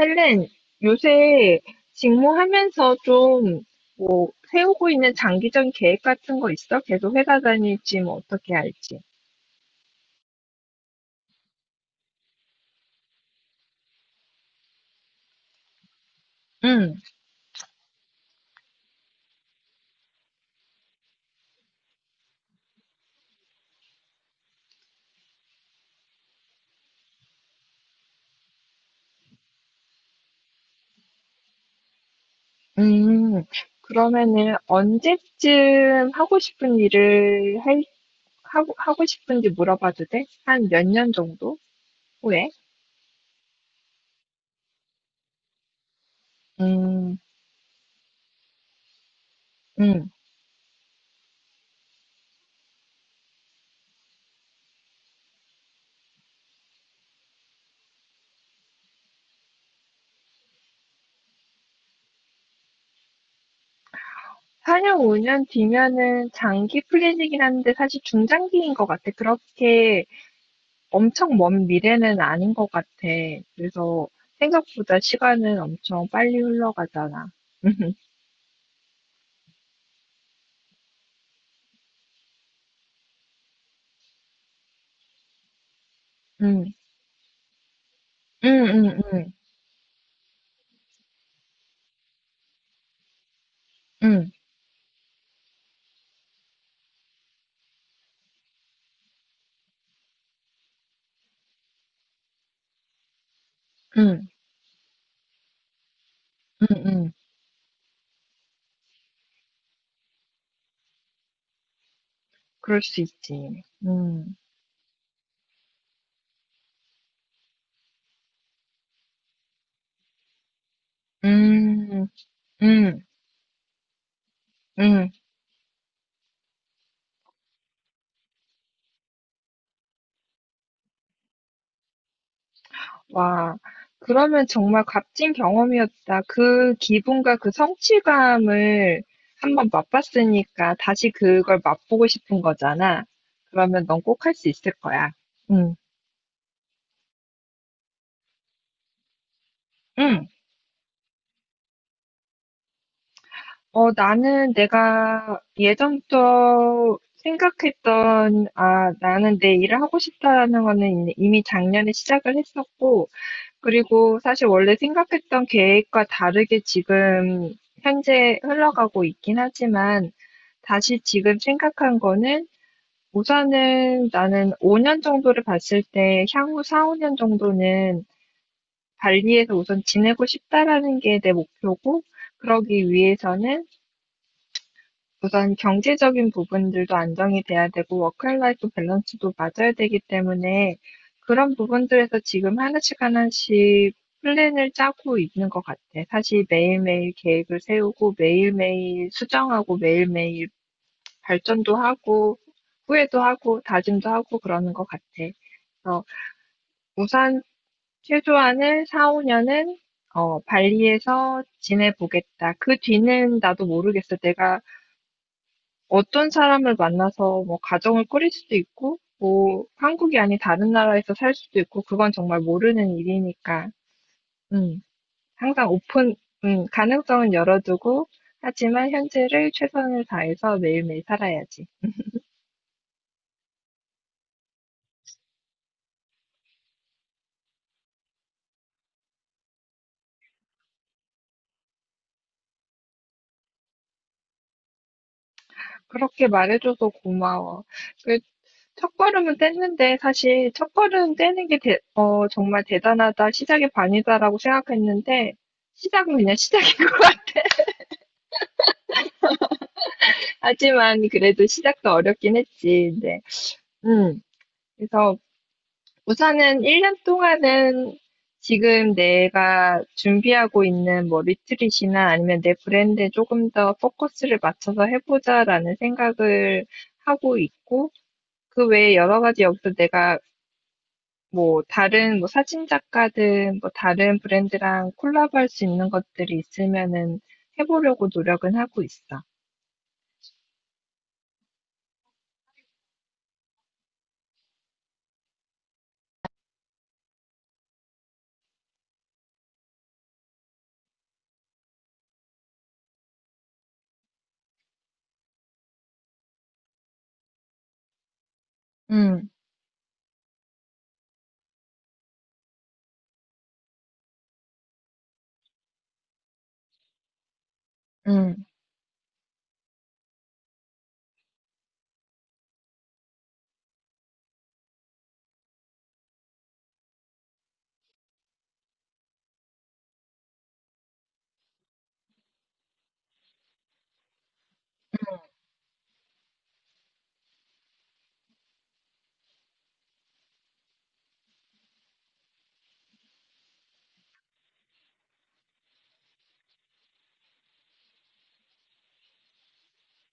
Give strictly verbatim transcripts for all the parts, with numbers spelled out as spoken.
헬렌, 요새 직무하면서 좀, 뭐, 세우고 있는 장기적인 계획 같은 거 있어? 계속 회사 다닐지, 뭐, 어떻게 할지. 응, 음, 그러면은 언제쯤 하고 싶은 일을 할, 하고, 하고 싶은지 물어봐도 돼? 한 몇 년 정도 후에? 음, 음. 사 년, 오 년 뒤면은 장기 플랜이긴 한데 사실 중장기인 것 같아. 그렇게 엄청 먼 미래는 아닌 것 같아. 그래서 생각보다 시간은 엄청 빨리 흘러가잖아. 응, 응, 응, 응, 응, 응, 응, 응. 그럴 수 있지. 응, 응, 응, 응. 와, 그러면 정말 값진 경험이었다. 그 기분과 그 성취감을 한번 맛봤으니까 다시 그걸 맛보고 싶은 거잖아. 그러면 넌 꼭 할 수 있을 거야. 응, 응. 어, 나는 내가 예전부터 생각했던, 아, 나는 내 일을 하고 싶다라는 거는 이- 이미 작년에 시작을 했었고, 그리고 사실 원래 생각했던 계획과 다르게 지금 현재 흘러가고 있긴 하지만, 다시 지금 생각한 거는 우선은 나는 오 년 정도를 봤을 때 향후 사, 오 년 정도는 발리에서 우선 지내고 싶다라는 게 내 목표고, 그러기 위해서는 우선 경제적인 부분들도 안정이 돼야 되고 워크라이프 밸런스도 맞아야 되기 때문에 그런 부분들에서 지금 하나씩 하나씩 플랜을 짜고 있는 것 같아. 사실 매일매일 계획을 세우고 매일매일 수정하고 매일매일 발전도 하고 후회도 하고 다짐도 하고 그러는 것 같아. 그래서 우선 최소한을 사, 오 년은 발리에서 지내보겠다. 그 뒤는 나도 모르겠어. 내가 어떤 사람을 만나서 뭐 가정을 꾸릴 수도 있고, 뭐 한국이 아닌 다른 나라에서 살 수도 있고, 그건 정말 모르는 일이니까, 음, 항상 오픈, 음, 가능성은 열어두고, 하지만 현재를 최선을 다해서 매일매일 살아야지. 그렇게 말해줘서 고마워. 그 첫걸음은 뗐는데 사실 첫걸음 떼는 게 대- 어, 정말 대단하다, 시작의 반이다라고 생각했는데 시작은 그냥 시작인 것 같아. 하지만 그래도 시작도 어렵긴 했지. 근데 음. 그래서 우선은 일 년 동안은 지금 내가 준비하고 있는 뭐 리트릿이나 아니면 내 브랜드에 조금 더 포커스를 맞춰서 해보자라는 생각을 하고 있고, 그 외에 여러 가지 여기서 내가 뭐 다른 뭐 사진 작가든 뭐 다른 브랜드랑 콜라보할 수 있는 것들이 있으면은 해보려고 노력은 하고 있어. 음, 음,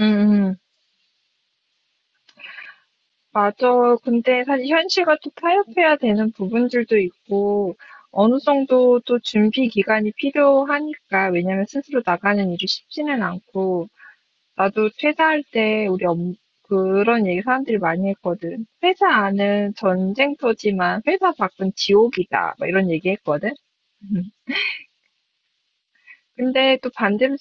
음, 음. 맞아. 근데 사실 현실과 또 타협해야 되는 부분들도 있고, 어느 정도 또 준비 기간이 필요하니까, 왜냐면 스스로 나가는 일이 쉽지는 않고, 나도 퇴사할 때 우리 엄, 그런 얘기 사람들이 많이 했거든. 회사 안은 전쟁터지만 회사 밖은 지옥이다. 막 이런 얘기 했거든. 근데 또 반대로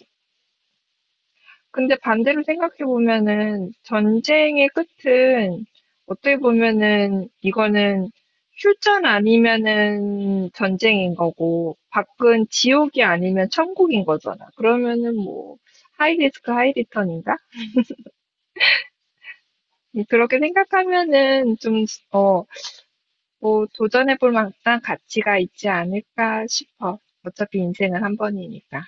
근데 반대로 생각해 보면은 전쟁의 끝은 어떻게 보면은 이거는 휴전 아니면은 전쟁인 거고 밖은 지옥이 아니면 천국인 거잖아. 그러면은 뭐 하이 리스크 하이 리턴인가? 음, 그렇게 생각하면은 좀, 어, 뭐 도전해 볼 만한 가치가 있지 않을까 싶어. 어차피 인생은 한 번이니까.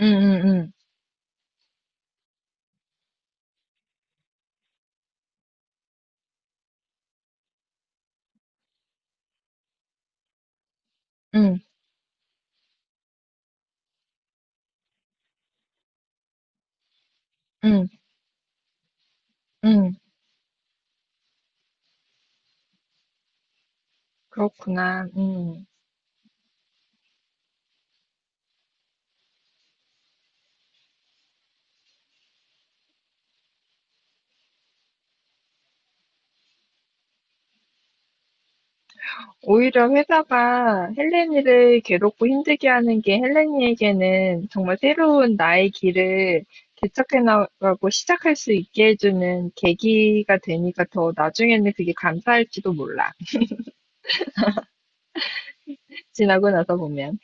응, 응, 응, 응, 응, 응. 그렇구나. 음. 오히려 회사가 헬렌이를 괴롭고 힘들게 하는 게 헬렌이에게는 정말 새로운 나의 길을 개척해 나가고 시작할 수 있게 해주는 계기가 되니까 더 나중에는 그게 감사할지도 몰라. 지나고 나서 보면.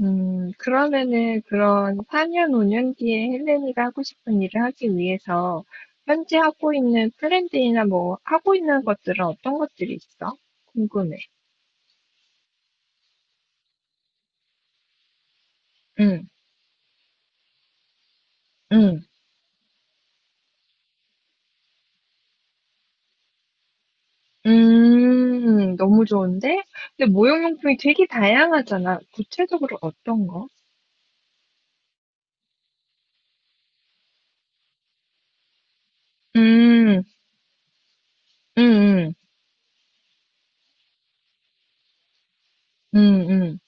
음, 그러면은 그런 사 년, 오 년 뒤에 헬렌이가 하고 싶은 일을 하기 위해서 현재 하고 있는 플랜들이나 뭐 하고 있는 것들은 어떤 것들이 있어? 궁금해. 응, 응. 음. 너무 좋은데? 근데 모형용품이 되게 다양하잖아. 구체적으로 어떤 거? 음. 음음. 음음.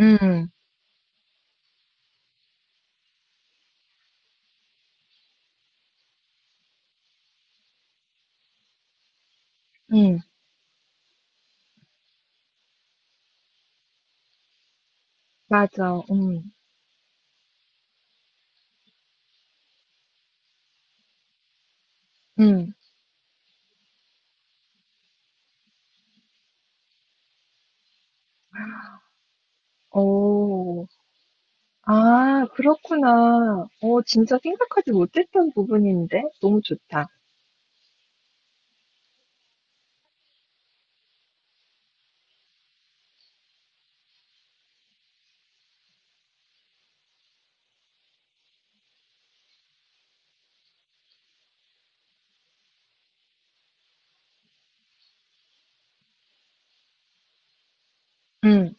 음. 음. 음, 음, 맞아. 음. 음. 오, 아, 그렇구나. 어, 진짜 생각하지 못했던 부분인데. 너무 좋다. 음.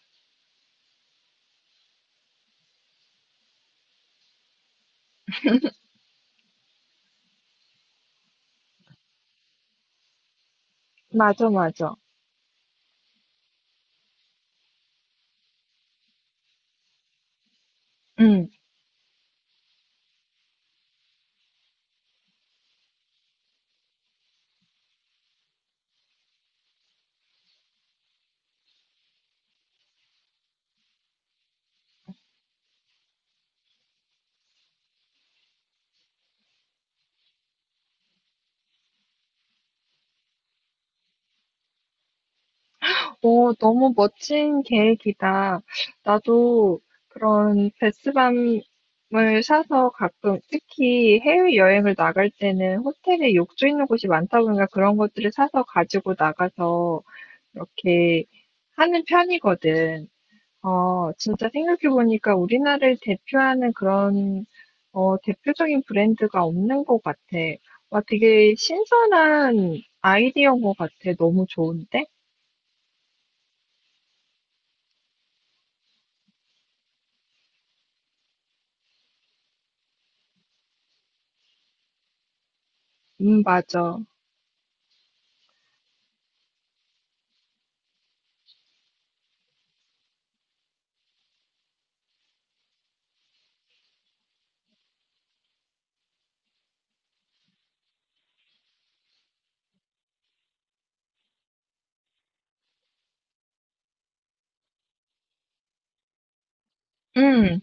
맞아, 맞아. 음. 오, 너무 멋진 계획이다. 나도 그런 베스밤을 사서 가끔, 특히 해외여행을 나갈 때는 호텔에 욕조 있는 곳이 많다 보니까 그런 것들을 사서 가지고 나가서 이렇게 하는 편이거든. 어, 진짜 생각해보니까 우리나라를 대표하는 그런, 어, 대표적인 브랜드가 없는 것 같아. 와, 되게 신선한 아이디어인 것 같아. 너무 좋은데? 음, 맞아. 음,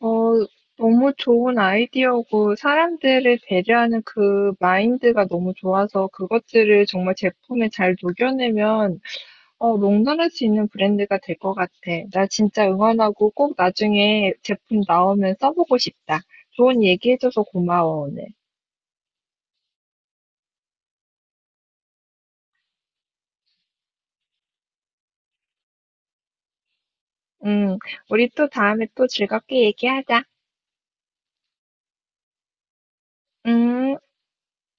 어, 너무 좋은 아이디어고 사람들을 배려하는 그 마인드가 너무 좋아서 그것들을 정말 제품에 잘 녹여내면 어, 롱런할 수 있는 브랜드가 될 것 같아. 나 진짜 응원하고 꼭 나중에 제품 나오면 써보고 싶다. 좋은 얘기해줘서 고마워, 오늘. 음, 우리 또 다음에 또 즐겁게 얘기하자. 음.